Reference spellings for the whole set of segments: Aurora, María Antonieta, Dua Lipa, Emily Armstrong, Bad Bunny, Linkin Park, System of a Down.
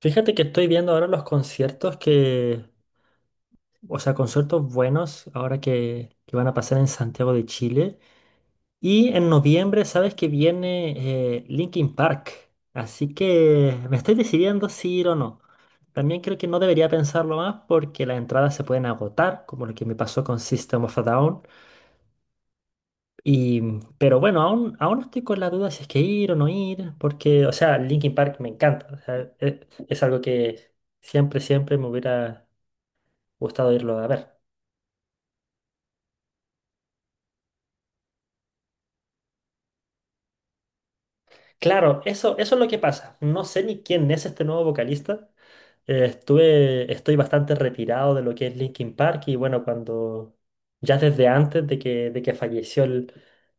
Fíjate que estoy viendo ahora los conciertos, conciertos buenos ahora que van a pasar en Santiago de Chile. Y en noviembre, sabes que viene Linkin Park. Así que me estoy decidiendo si ir o no. También creo que no debería pensarlo más porque las entradas se pueden agotar, como lo que me pasó con System of a Down. Y, pero bueno, aún estoy con la duda si es que ir o no ir, porque, o sea, Linkin Park me encanta. O sea, es algo que siempre me hubiera gustado irlo a ver. Claro, eso es lo que pasa. No sé ni quién es este nuevo vocalista. Estoy bastante retirado de lo que es Linkin Park y bueno, cuando ya desde antes de que falleció el,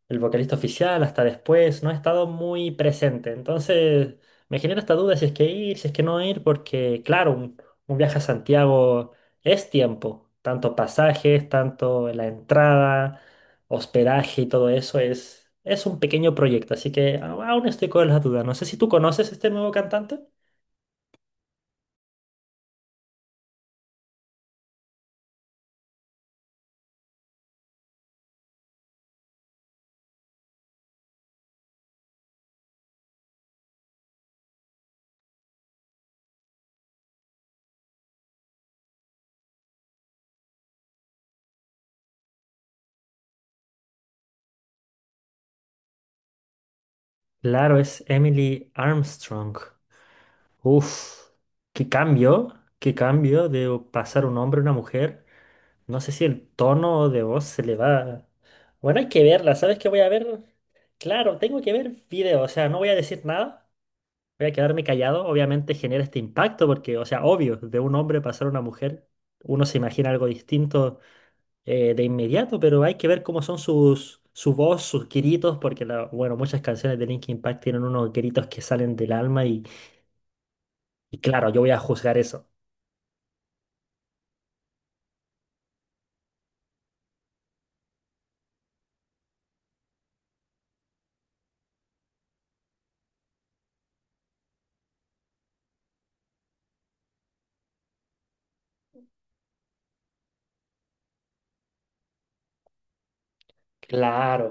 el vocalista oficial hasta después, no he estado muy presente. Entonces me genera esta duda si es que ir, si es que no ir, porque claro, un viaje a Santiago es tiempo, tanto pasajes, tanto la entrada, hospedaje y todo eso es un pequeño proyecto, así que aún estoy con las dudas. No sé si tú conoces este nuevo cantante. Claro, es Emily Armstrong. Uf, qué cambio, qué cambio de pasar un hombre a una mujer. No sé si el tono de voz se le va. Bueno, hay que verla. ¿Sabes qué voy a ver? Claro, tengo que ver video, o sea, no voy a decir nada, voy a quedarme callado. Obviamente genera este impacto porque, o sea, obvio, de un hombre pasar a una mujer, uno se imagina algo distinto de inmediato, pero hay que ver cómo son su voz, sus gritos, porque bueno, muchas canciones de Linkin Park tienen unos gritos que salen del alma, y claro, yo voy a juzgar eso. Claro,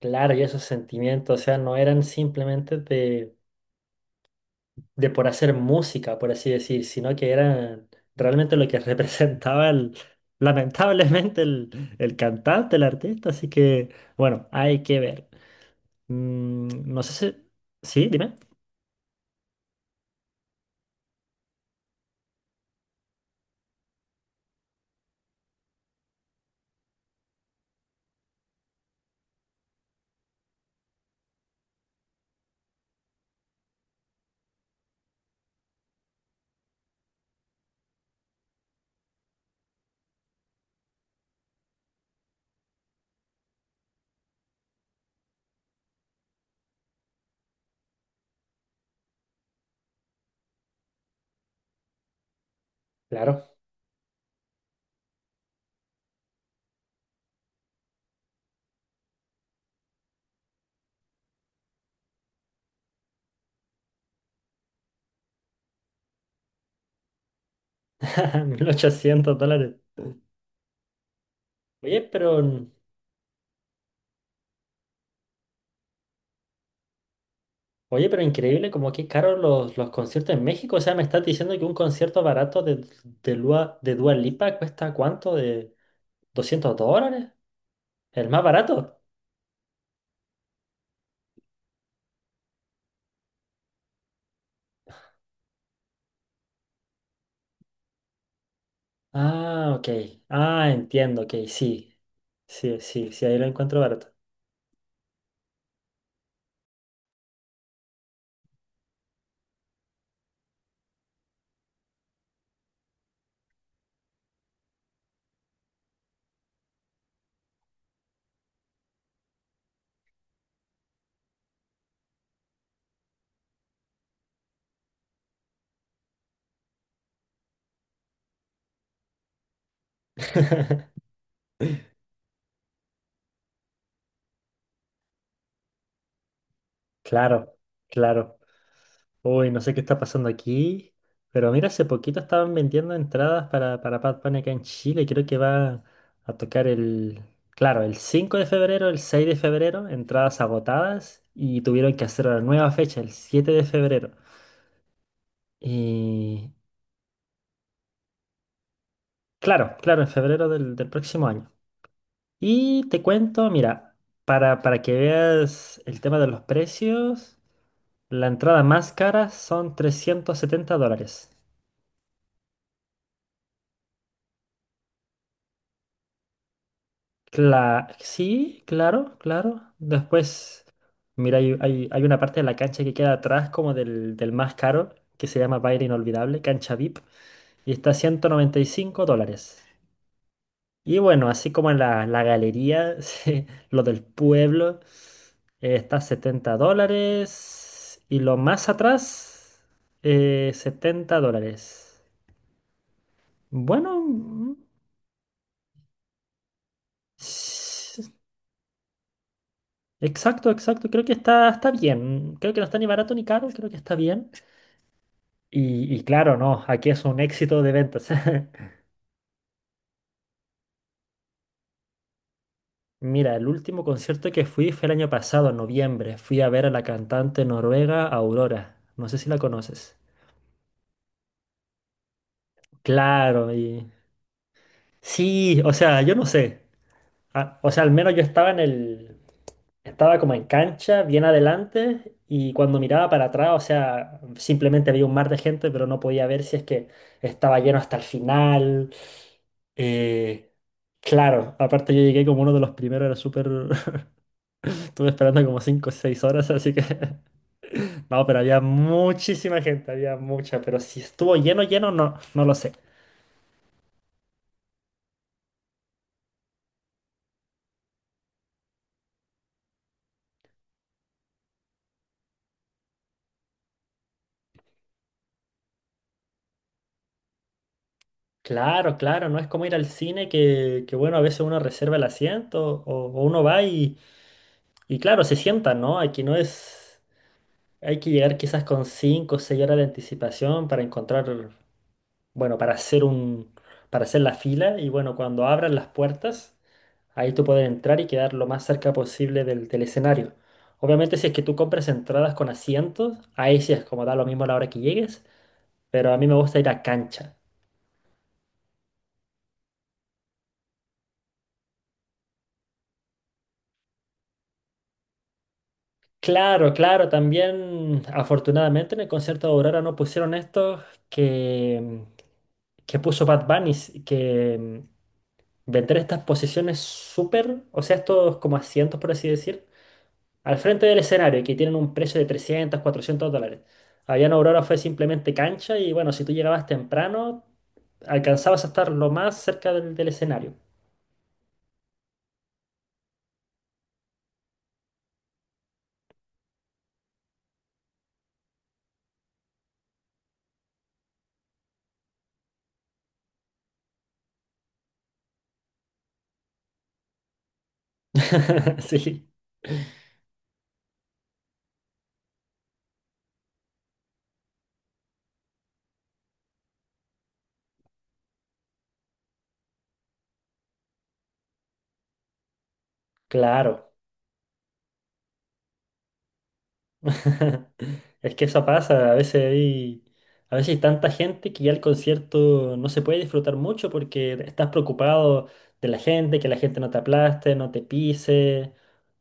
claro, y esos sentimientos, o sea, no eran simplemente de por hacer música, por así decir, sino que eran realmente lo que representaba lamentablemente el cantante, el artista, así que bueno, hay que ver. No sé si... Sí, dime. Claro, $1,800. Oye, pero, oye, pero increíble como que caros los conciertos en México. O sea, me estás diciendo que un concierto barato de Dua Lipa cuesta ¿cuánto? ¿De $200? ¿El más barato? Ah, ok. Ah, entiendo, ok, sí. Sí, sí, sí, ahí lo encuentro barato. Claro, claro. Uy, no sé qué está pasando aquí, pero mira, hace poquito estaban vendiendo entradas para Bad Bunny acá en Chile. Creo que va a tocar claro, el 5 de febrero, el 6 de febrero, entradas agotadas y tuvieron que hacer una nueva fecha, el 7 de febrero. Y claro, claro, en febrero del próximo año. Y te cuento, mira, para que veas el tema de los precios, la entrada más cara son $370. Sí, claro, claro. Después, mira, hay una parte de la cancha que queda atrás como del más caro, que se llama Baile Inolvidable, cancha VIP, y está a $195. Y bueno, así como en la galería, sí, lo del pueblo, está a $70, y lo más atrás, $70. Bueno, exacto, exacto. Creo que está bien. Creo que no está ni barato ni caro, creo que está bien. Y claro, no, aquí es un éxito de ventas. Mira, el último concierto que fui fue el año pasado, en noviembre. Fui a ver a la cantante noruega Aurora. No sé si la conoces. Claro, y... sí, o sea, yo no sé. Ah, o sea, al menos yo estaba en el... estaba como en cancha, bien adelante, y cuando miraba para atrás, o sea, simplemente había un mar de gente, pero no podía ver si es que estaba lleno hasta el final. Eh, claro, aparte yo llegué como uno de los primeros, era súper... Estuve esperando como cinco o 6 horas, así que... No, pero había muchísima gente, había mucha, pero si estuvo lleno, lleno, no, no lo sé. Claro, claro, no es como ir al cine que bueno, a veces uno reserva el asiento o uno va. Y claro, se sientan, ¿no? Aquí no es... hay que llegar quizás con 5 o 6 horas de anticipación para encontrar, bueno, para hacer la fila y bueno, cuando abran las puertas, ahí tú puedes entrar y quedar lo más cerca posible del escenario. Obviamente si es que tú compras entradas con asientos, ahí sí es como da lo mismo a la hora que llegues, pero a mí me gusta ir a cancha. Claro, claro, también afortunadamente en el concierto de Aurora no pusieron esto que, que puso Bad Bunny, que vender estas posiciones súper, o sea, estos como asientos, por así decir, al frente del escenario, que tienen un precio de $300 $400. Allá en Aurora fue simplemente cancha y bueno, si tú llegabas temprano, alcanzabas a estar lo más cerca del escenario. Sí, claro. Es que eso pasa, a veces hay tanta gente que ya el concierto no se puede disfrutar mucho porque estás preocupado de la gente, que la gente no te aplaste, no te pise,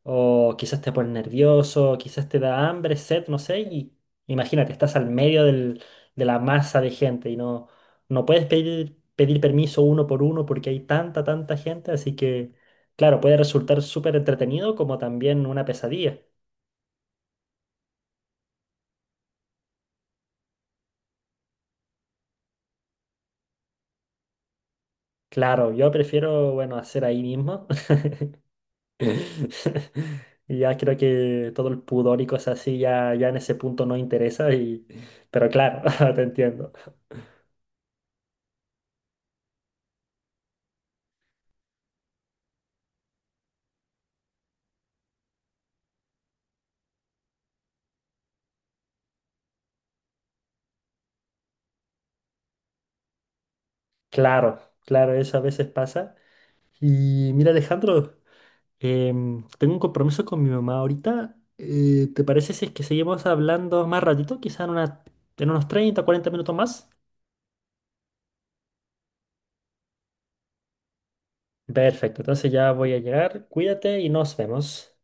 o quizás te pones nervioso, quizás te da hambre, sed, no sé, y imagínate, estás al medio de la masa de gente y no, no puedes pedir permiso uno por uno porque hay tanta gente, así que, claro, puede resultar súper entretenido como también una pesadilla. Claro, yo prefiero, bueno, hacer ahí mismo. Y ya creo que todo el pudor y cosas así ya, ya en ese punto no interesa y... pero claro, te entiendo. Claro, claro, eso a veces pasa. Y mira, Alejandro, tengo un compromiso con mi mamá ahorita. ¿Te parece si es que seguimos hablando más ratito? Quizá en una, en unos 30 o 40 minutos más. Perfecto, entonces ya voy a llegar. Cuídate y nos vemos.